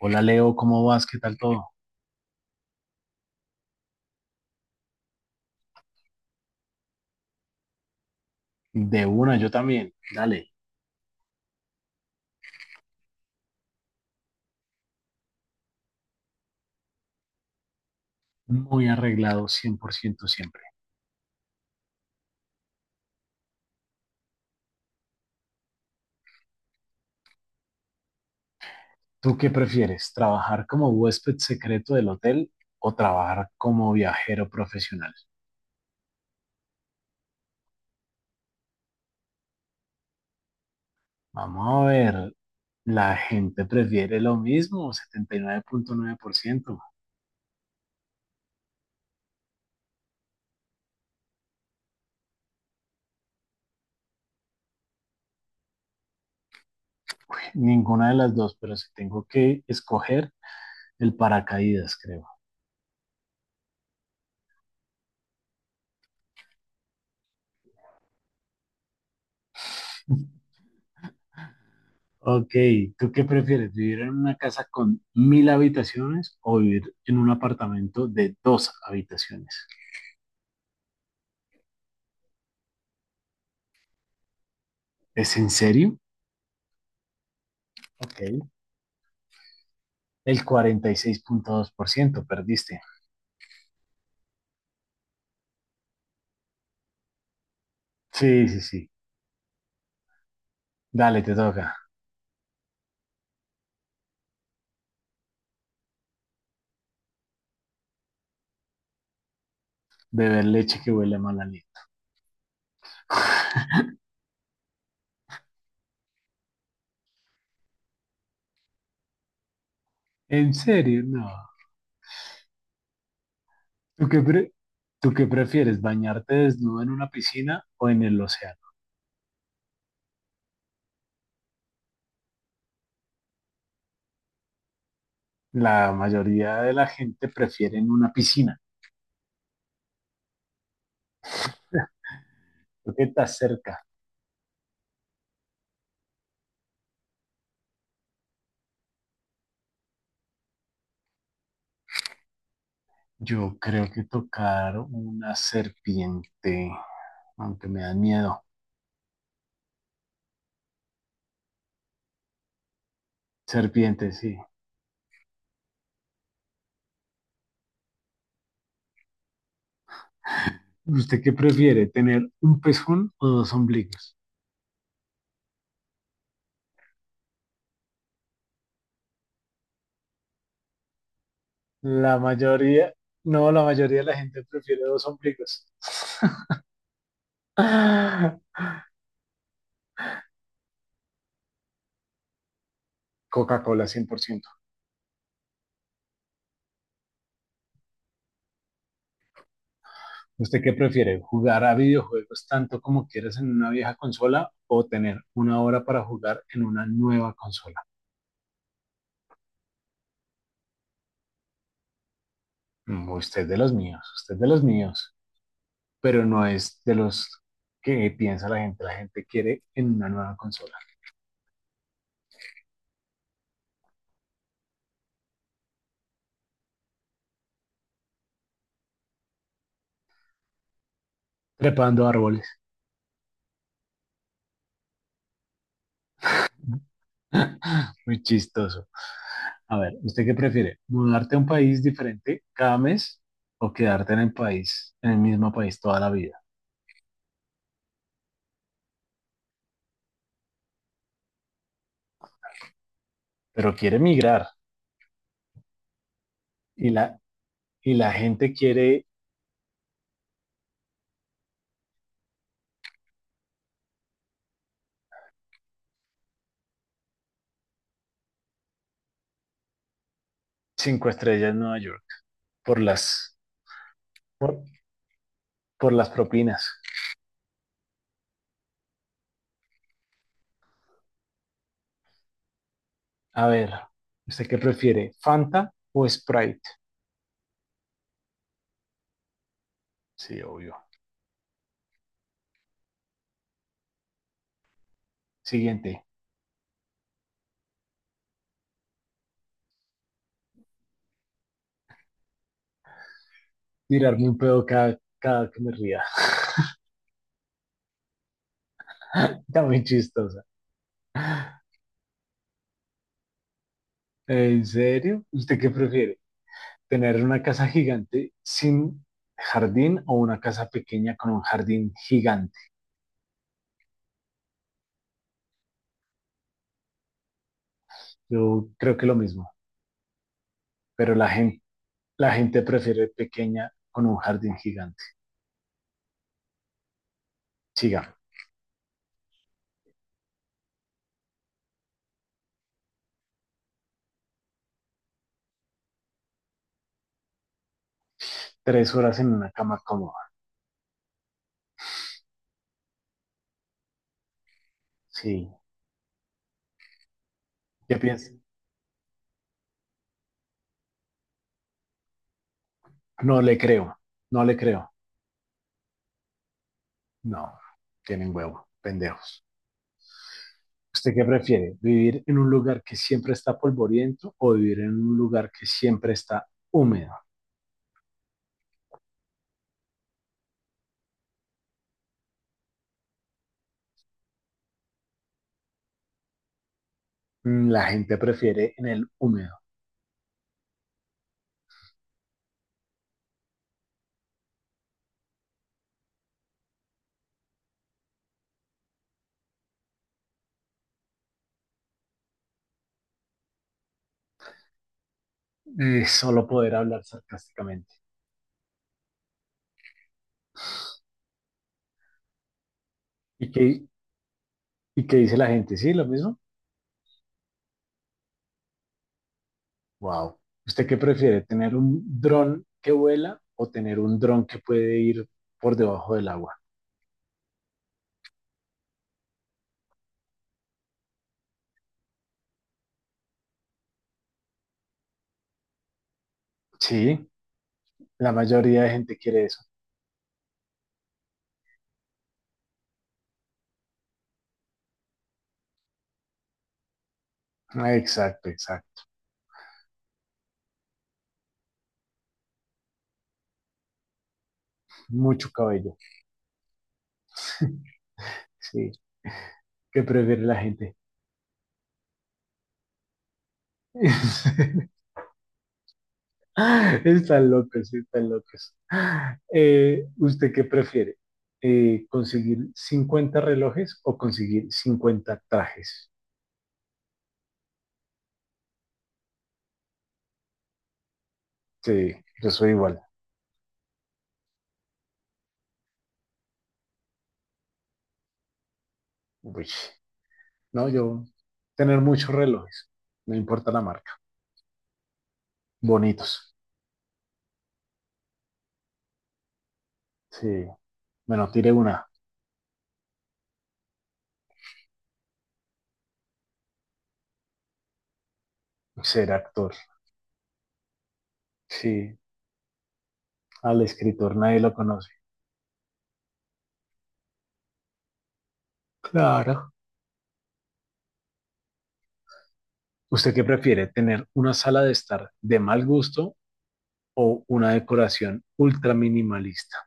Hola Leo, ¿cómo vas? ¿Qué tal todo? De una, yo también. Dale, muy arreglado 100% siempre. ¿Tú qué prefieres? ¿Trabajar como huésped secreto del hotel o trabajar como viajero profesional? Vamos a ver, la gente prefiere lo mismo, setenta y nueve punto nueve por ciento. Ninguna de las dos, pero si tengo que escoger el paracaídas, creo. Ok, ¿tú qué prefieres? ¿Vivir en una casa con mil habitaciones o vivir en un apartamento de dos habitaciones? ¿Es en serio? Ok, el 46,2% perdiste. Sí, sí, sí. Dale, te toca. Beber leche que huele a mal aliento. ¿En serio? No. ¿Tú qué pre- ¿Tú qué prefieres? ¿Bañarte desnudo en una piscina o en el océano? La mayoría de la gente prefiere en una piscina. Creo que estás cerca. Yo creo que tocar una serpiente, aunque me dan miedo. Serpiente, sí. ¿Usted qué prefiere, tener un pezón o dos ombligos? La mayoría, no, la mayoría de la gente prefiere dos ombligos. Coca-Cola 100%. ¿Usted qué prefiere, jugar a videojuegos tanto como quieras en una vieja consola o tener una hora para jugar en una nueva consola? Usted de los míos, usted de los míos. Pero no es de los que piensa la gente. La gente quiere en una nueva consola, trepando árboles. Muy chistoso. A ver, ¿usted qué prefiere? ¿Mudarte a un país diferente cada mes o quedarte en el país, en el mismo país toda la vida? Pero quiere migrar y la, y la gente quiere cinco estrellas en Nueva York por las, por, por las propinas. A ver, ¿usted qué prefiere? ¿Fanta o Sprite? Sí, obvio. Siguiente, tirarme un pedo cada que me ría. Está muy chistosa. ¿En serio? ¿Usted qué prefiere? ¿Tener una casa gigante sin jardín o una casa pequeña con un jardín gigante? Yo creo que lo mismo, pero la gente prefiere pequeña con un jardín gigante. Siga, 3 horas en una cama cómoda. Sí, ¿qué piensa? No le creo, no le creo. No, tienen huevo, pendejos. ¿Usted qué prefiere? ¿Vivir en un lugar que siempre está polvoriento o vivir en un lugar que siempre está húmedo? La gente prefiere en el húmedo, solo poder hablar sarcásticamente. ¿Y qué, y qué dice la gente? ¿Sí, lo mismo? Wow. ¿Usted qué prefiere, tener un dron que vuela o tener un dron que puede ir por debajo del agua? Sí, la mayoría de gente quiere eso. Ah, exacto, exacto. Mucho cabello. Sí, ¿qué prefiere la gente? Están locos, están locos. ¿Usted qué prefiere? ¿Conseguir 50 relojes o conseguir 50 trajes? Sí, yo soy igual. Uy, no, yo tener muchos relojes, no importa la marca. Bonitos. Sí, bueno, tire una. Ser actor. Sí, al escritor nadie lo conoce. Claro. ¿Usted qué prefiere? ¿Tener una sala de estar de mal gusto o una decoración ultra minimalista?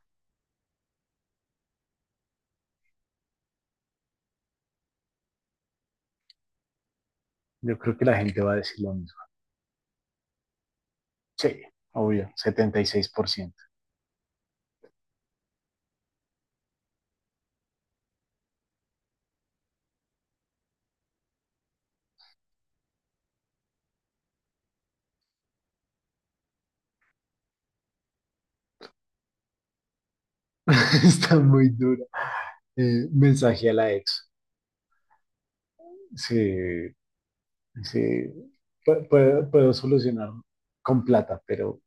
Yo creo que la gente va a decir lo mismo. Sí, obvio, 76%. Está muy dura. Mensaje a la ex. Sí, sí. Puedo solucionar con plata, pero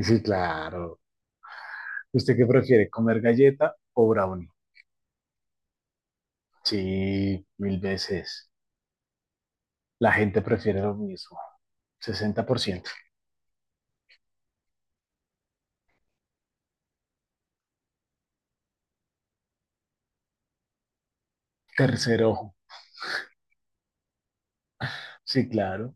sí, claro. ¿Usted qué prefiere, comer galleta o brownie? Sí, mil veces. La gente prefiere lo mismo. 60%. Tercer ojo. Sí, claro.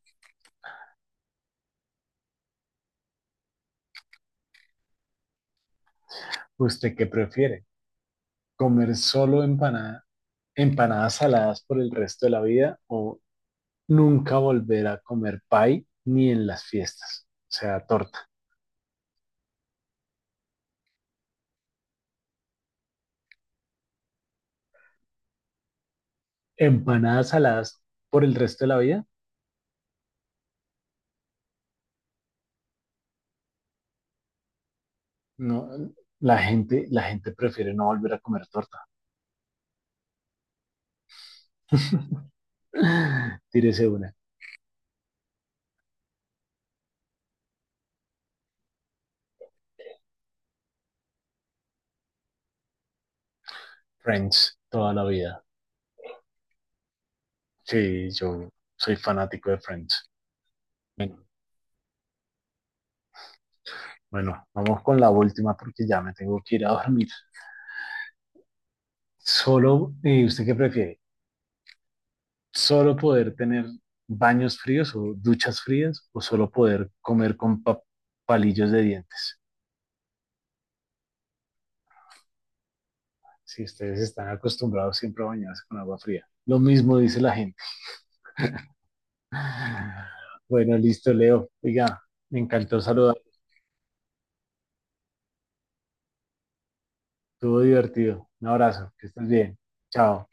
¿Usted qué prefiere? Comer solo empanadas saladas por el resto de la vida o nunca volver a comer pie ni en las fiestas, o sea, torta. Empanadas saladas por el resto de la vida, no, la gente prefiere no volver a comer torta. Tírese una. Friends, toda la vida. Sí, yo soy fanático de Friends. Bueno, bueno, vamos con la última porque ya me tengo que ir a dormir. Solo, ¿usted qué prefiere? Solo poder tener baños fríos o duchas frías o solo poder comer con palillos de dientes. Si ustedes están acostumbrados siempre a bañarse con agua fría. Lo mismo dice la gente. Bueno, listo, Leo. Oiga, me encantó saludar. Estuvo divertido. Un abrazo. Que estés bien. Chao.